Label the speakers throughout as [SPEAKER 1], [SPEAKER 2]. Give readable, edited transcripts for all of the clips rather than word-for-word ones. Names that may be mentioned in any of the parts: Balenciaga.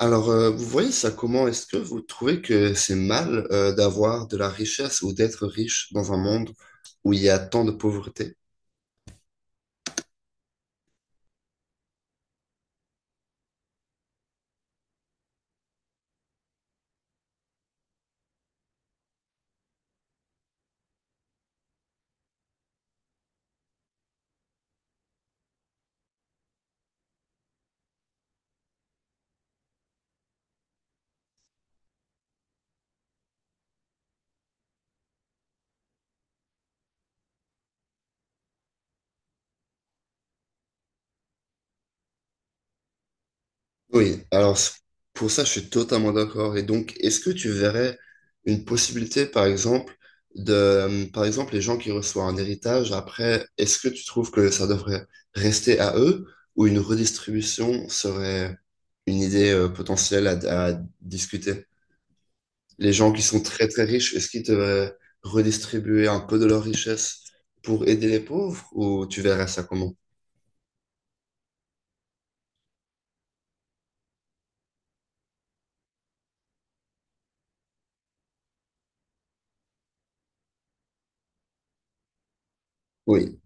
[SPEAKER 1] Alors, vous voyez ça comment? Est-ce que vous trouvez que c'est mal d'avoir de la richesse ou d'être riche dans un monde où il y a tant de pauvreté? Oui, alors pour ça, je suis totalement d'accord. Et donc, est-ce que tu verrais une possibilité, par exemple, de, par exemple, les gens qui reçoivent un héritage, après, est-ce que tu trouves que ça devrait rester à eux ou une redistribution serait une idée potentielle à discuter? Les gens qui sont très très riches, est-ce qu'ils devaient redistribuer un peu de leur richesse pour aider les pauvres ou tu verrais ça comment? Oui,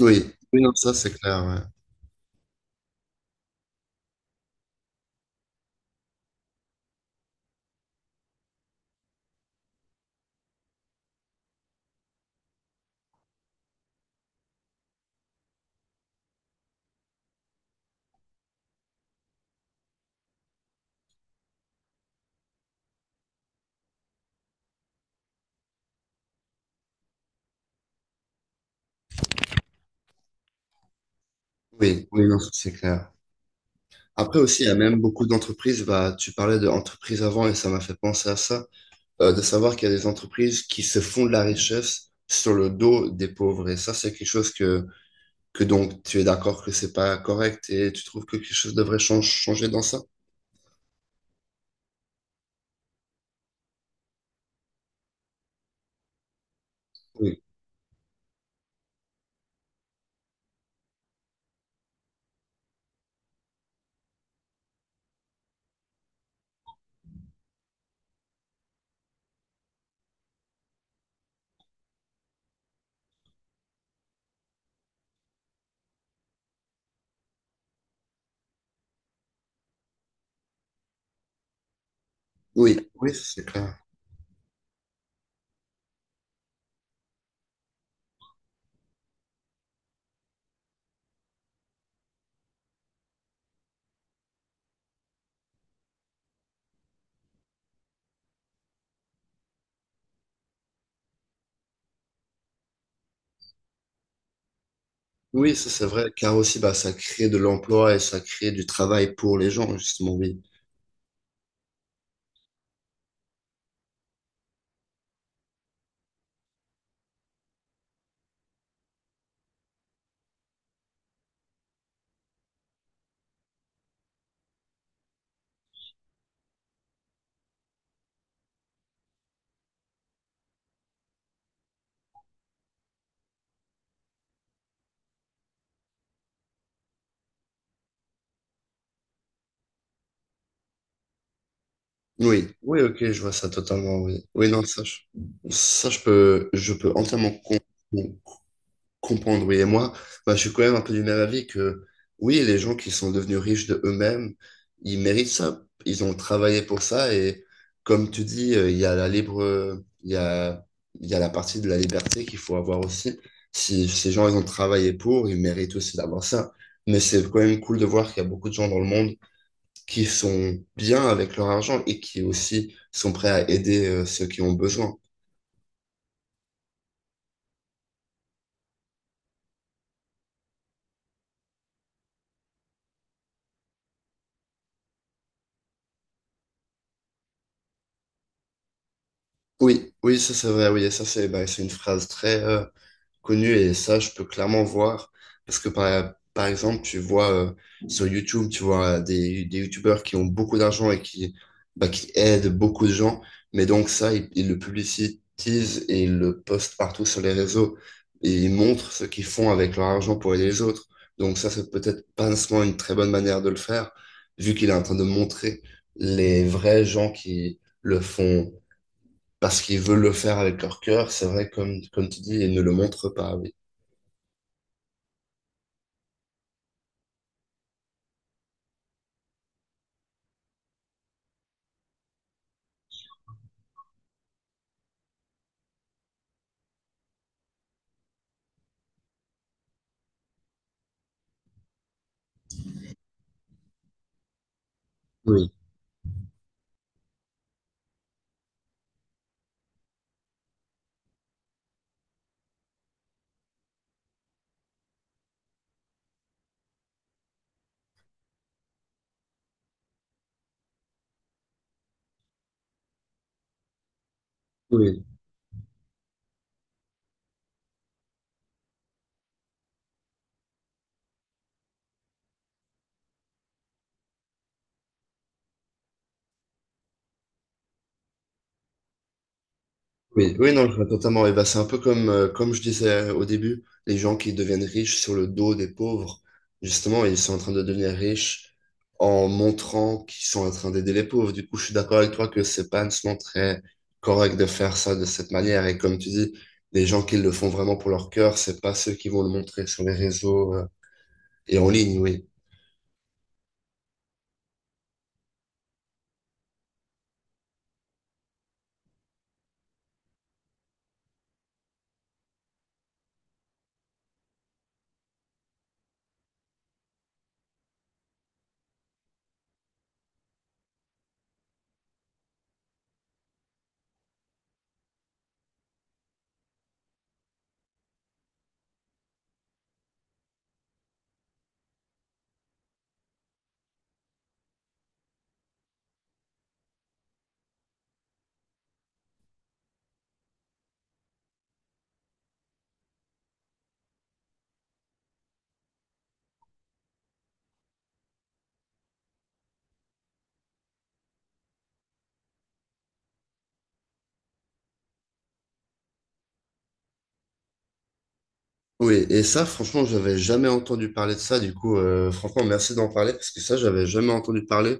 [SPEAKER 1] oui, non, ça c'est clair. Ouais. Oui, oui, non, ça, c'est clair. Après aussi, il y a même beaucoup d'entreprises, bah, tu parlais d'entreprises avant et ça m'a fait penser à ça, de savoir qu'il y a des entreprises qui se font de la richesse sur le dos des pauvres. Et ça, c'est quelque chose que donc tu es d'accord que c'est pas correct et tu trouves que quelque chose devrait changer dans ça? Oui, oui, ça, c'est clair. Oui, ça c'est vrai, car aussi bah, ça crée de l'emploi et ça crée du travail pour les gens, justement, oui. Oui, oui, ok, je vois ça totalement, oui. Oui, non, ça, je peux entièrement comprendre. Comprendre, oui. Et moi, bah, je suis quand même un peu du même avis que, oui, les gens qui sont devenus riches de eux-mêmes, ils méritent ça. Ils ont travaillé pour ça. Et comme tu dis, il y a la il y a la partie de la liberté qu'il faut avoir aussi. Si ces gens, ils ont travaillé pour, ils méritent aussi d'avoir ça. Mais c'est quand même cool de voir qu'il y a beaucoup de gens dans le monde qui sont bien avec leur argent et qui aussi sont prêts à aider ceux qui ont besoin. Oui, oui, ça c'est vrai, oui, et ça c'est bah, c'est une phrase très connu et ça, je peux clairement voir. Parce que par exemple, tu vois sur YouTube, tu vois des YouTubeurs qui ont beaucoup d'argent bah, qui aident beaucoup de gens. Mais donc ça, ils le publicitisent et ils le postent partout sur les réseaux. Et ils montrent ce qu'ils font avec leur argent pour aider les autres. Donc ça, c'est peut-être pas nécessairement une très bonne manière de le faire, vu qu'il est en train de montrer les vrais gens qui le font parce qu'ils veulent le faire avec leur cœur. C'est vrai, comme tu dis, ils ne le montrent pas. Oui. Oui, oui, oui, non, je vois totalement. Et bah, c'est un peu comme, comme je disais au début, les gens qui deviennent riches sur le dos des pauvres, justement, ils sont en train de devenir riches en montrant qu'ils sont en train d'aider les pauvres. Du coup, je suis d'accord avec toi que c'est pas nécessairement très correct de faire ça de cette manière. Et comme tu dis, les gens qui le font vraiment pour leur cœur, c'est pas ceux qui vont le montrer sur les réseaux, et en ligne, oui. Oui, et ça, franchement, j'avais jamais entendu parler de ça. Du coup, franchement, merci d'en parler parce que ça, j'avais jamais entendu parler.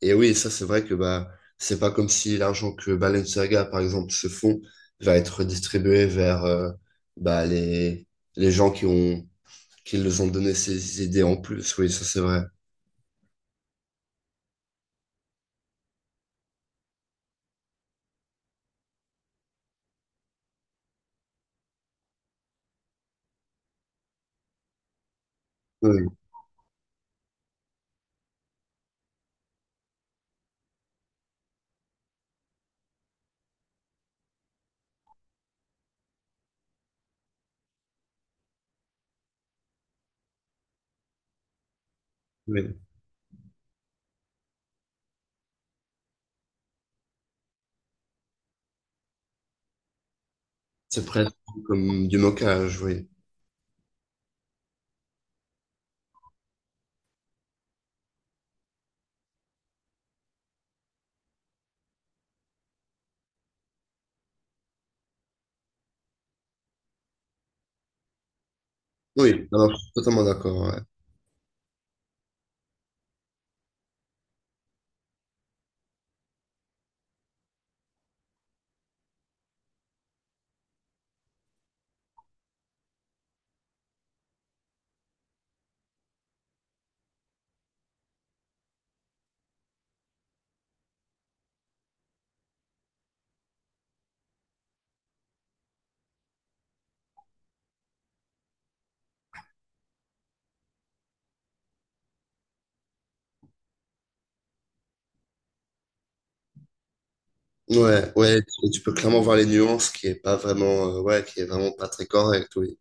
[SPEAKER 1] Et oui, ça, c'est vrai que bah, c'est pas comme si l'argent que Balenciaga, par exemple, se font, va être distribué vers bah, les gens qui ont, qui les ont donné ces idées en plus. Oui, ça, c'est vrai. Oui, oui. C'est presque comme du moquage, oui. Oui, alors, je suis totalement d'accord. Ouais. Ouais, tu peux clairement voir les nuances qui est pas vraiment, ouais, qui est vraiment pas très correct, oui.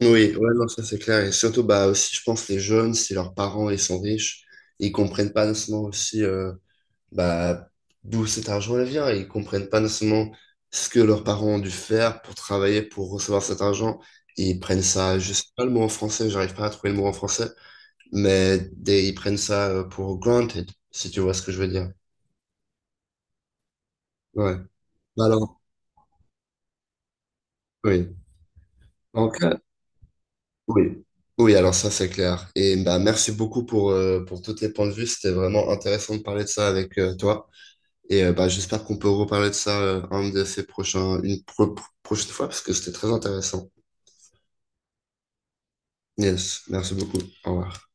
[SPEAKER 1] Oui, ouais, non, ça c'est clair. Et surtout, bah, aussi, je pense, les jeunes, si leurs parents, ils sont riches, ils comprennent pas nécessairement aussi, bah, d'où cet argent vient. Ils comprennent pas nécessairement ce que leurs parents ont dû faire pour travailler, pour recevoir cet argent. Ils prennent ça, je sais pas le mot en français, j'arrive pas à trouver le mot en français, mais ils prennent ça pour granted, si tu vois ce que je veux dire. Ouais. Bah alors, oui. Donc, oui. Oui, alors ça, c'est clair. Et bah, merci beaucoup pour tous tes points de vue. C'était vraiment intéressant de parler de ça avec toi. Et bah, j'espère qu'on peut reparler de ça un de ces prochains, une prochaine fois, parce que c'était très intéressant. Yes, merci beaucoup. Au revoir.